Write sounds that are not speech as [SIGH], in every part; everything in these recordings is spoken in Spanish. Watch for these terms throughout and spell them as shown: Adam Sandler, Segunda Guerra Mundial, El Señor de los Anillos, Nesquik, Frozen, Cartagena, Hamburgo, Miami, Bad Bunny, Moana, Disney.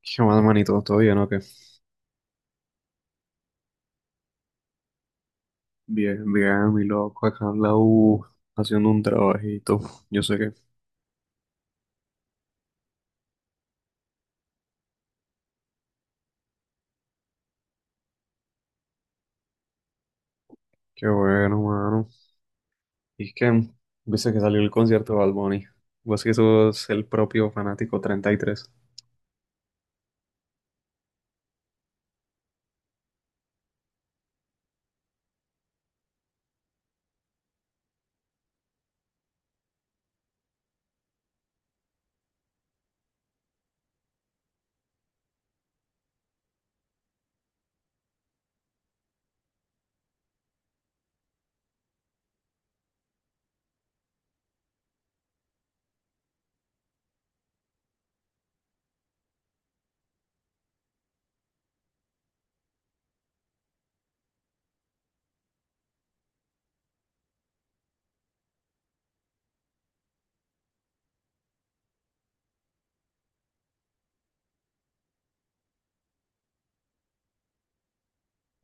¿Qué más, manito? ¿Todo bien o qué? Bien, mi loco, acá en la U, haciendo un trabajito. Yo sé que, qué bueno, mano. Y es que, viste que salió el concierto de Bad Bunny. Vos que sos el propio fanático 33.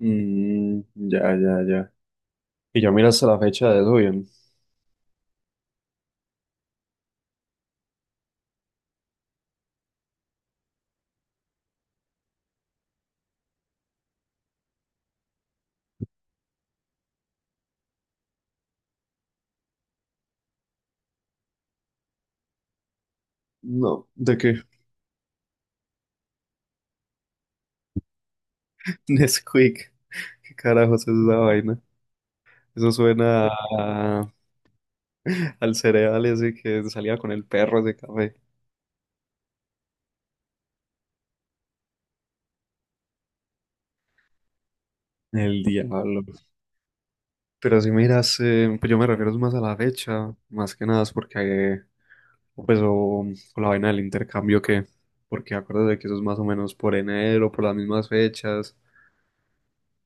Ya. Y ya miraste la fecha de eso bien. No, ¿de qué? [LAUGHS] Nesquik. ¿Qué carajos es esa vaina? Eso suena a- al cereal ese que salía con el perro de café. El diablo. Pero si miras, pues yo me refiero más a la fecha, más que nada es porque, o pues, o, o la vaina del intercambio, porque acuérdate que eso es más o menos por enero, por las mismas fechas,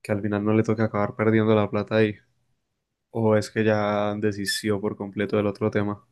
que al final no le toca acabar perdiendo la plata ahí, o es que ya desistió por completo del otro tema.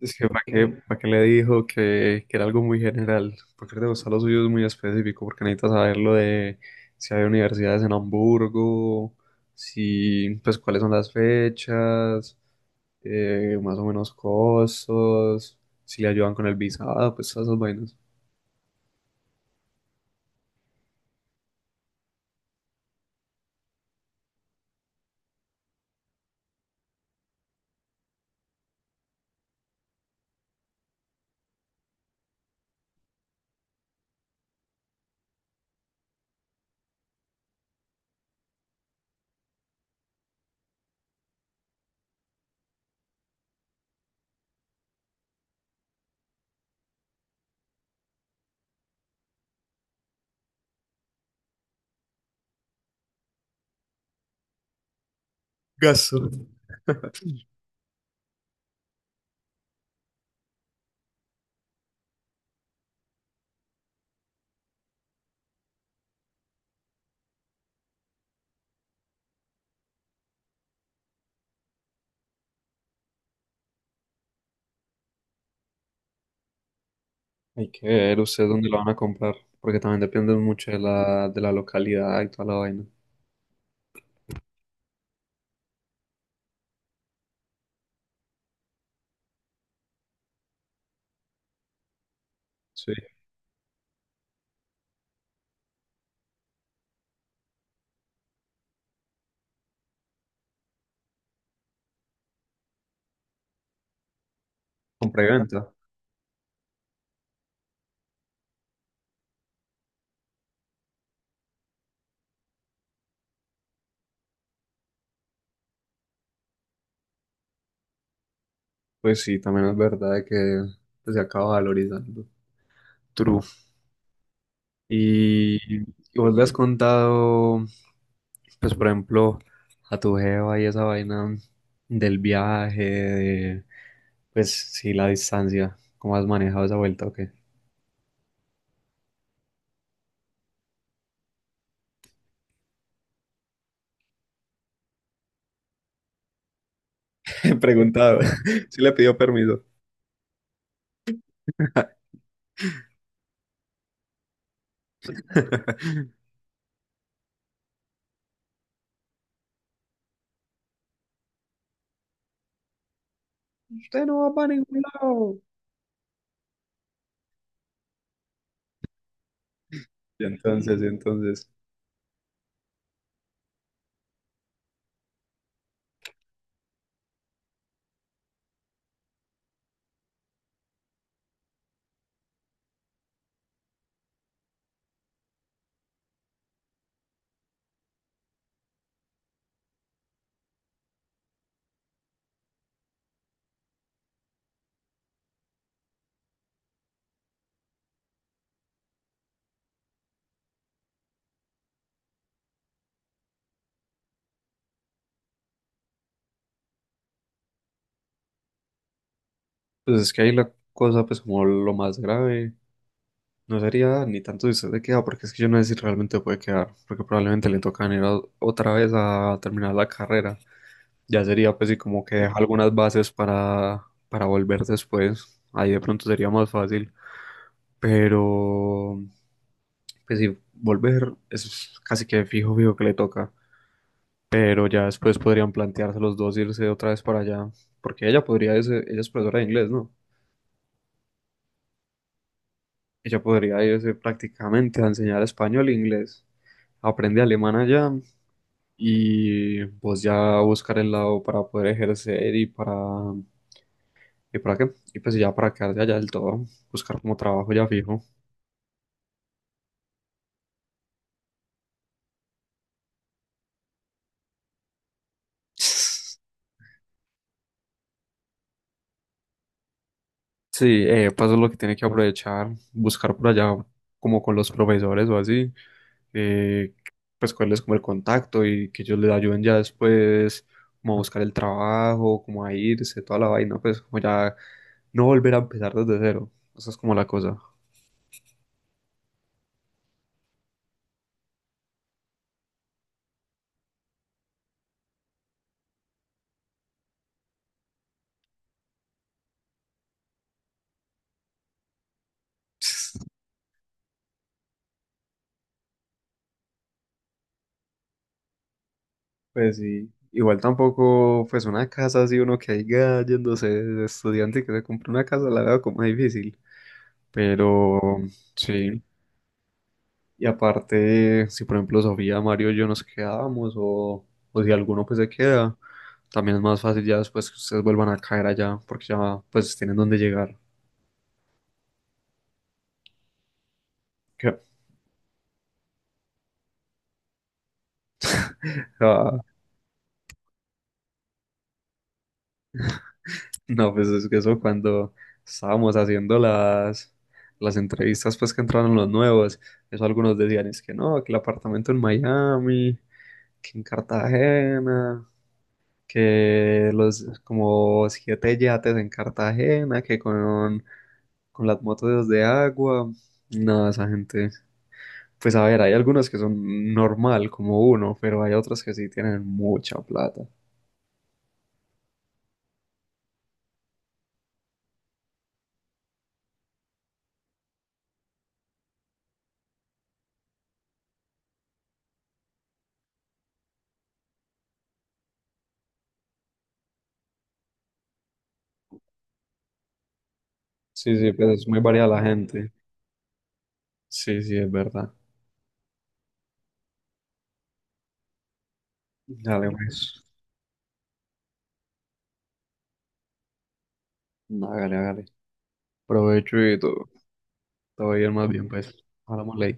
Es que para qué le dijo que era algo muy general, porque le gustan los suyos muy específico, porque necesita saber lo de si hay universidades en Hamburgo, si, pues cuáles son las fechas, más o menos costos, si le ayudan con el visado, pues todas esas vainas. Gasto. Hay que ver ustedes dónde lo van a comprar, porque también depende mucho de de la localidad y toda la vaina. Sí, compra y venta. Pues sí, también es verdad que pues, se acaba valorizando. True. Y, y vos le has contado, pues por ejemplo, a tu jeva y esa vaina del viaje, de, pues sí, la distancia, ¿cómo has manejado esa vuelta o qué? [LAUGHS] he preguntado [LAUGHS] si le pidió permiso. [LAUGHS] Usted no va para ningún lado. Y entonces, pues es que ahí la cosa, pues como lo más grave no sería ni tanto si usted se queda, porque es que yo no sé si realmente puede quedar, porque probablemente le tocan otra vez a terminar la carrera. Ya sería pues sí como que deja algunas bases para volver después. Ahí de pronto sería más fácil. Pero pues sí, volver es casi que fijo, fijo que le toca. Pero ya después podrían plantearse los dos irse otra vez para allá. Porque ella podría irse, ella es profesora de inglés, ¿no? Ella podría irse prácticamente a enseñar español e inglés. Aprende alemán allá y pues ya buscar el lado para poder ejercer y para... ¿Y para qué? Y pues ya para quedarse allá del todo, buscar como trabajo ya fijo. Sí, pues eso es lo que tiene que aprovechar, buscar por allá como con los profesores o así, eh, pues cuál es como el contacto y que ellos les ayuden ya después como a buscar el trabajo, como a irse, toda la vaina, pues como ya no volver a empezar desde cero. Esa es como la cosa. [LAUGHS] Pues sí, igual tampoco, pues una casa así, uno que haya yéndose de estudiante y que se compre una casa, la veo como difícil. Pero sí, y aparte, si por ejemplo Sofía, Mario y yo nos quedamos o si alguno pues se queda, también es más fácil ya después que ustedes vuelvan a caer allá porque ya pues tienen dónde llegar. [LAUGHS] Que- ah, no, pues es que eso cuando estábamos haciendo las entrevistas pues que entraron los nuevos, eso algunos decían es que no, que el apartamento en Miami, que en Cartagena, que los como siete yates en Cartagena, que con las motos de agua. No, esa gente. Pues a ver, hay algunas que son normal, como uno, pero hay otras que sí tienen mucha plata. Sí, sí, pues es muy variada la gente. Sí, sí, es verdad. Dale, pues. Hágale, hágale. Provecho y todo. Todo bien, más bien, pues. Hablamos ley.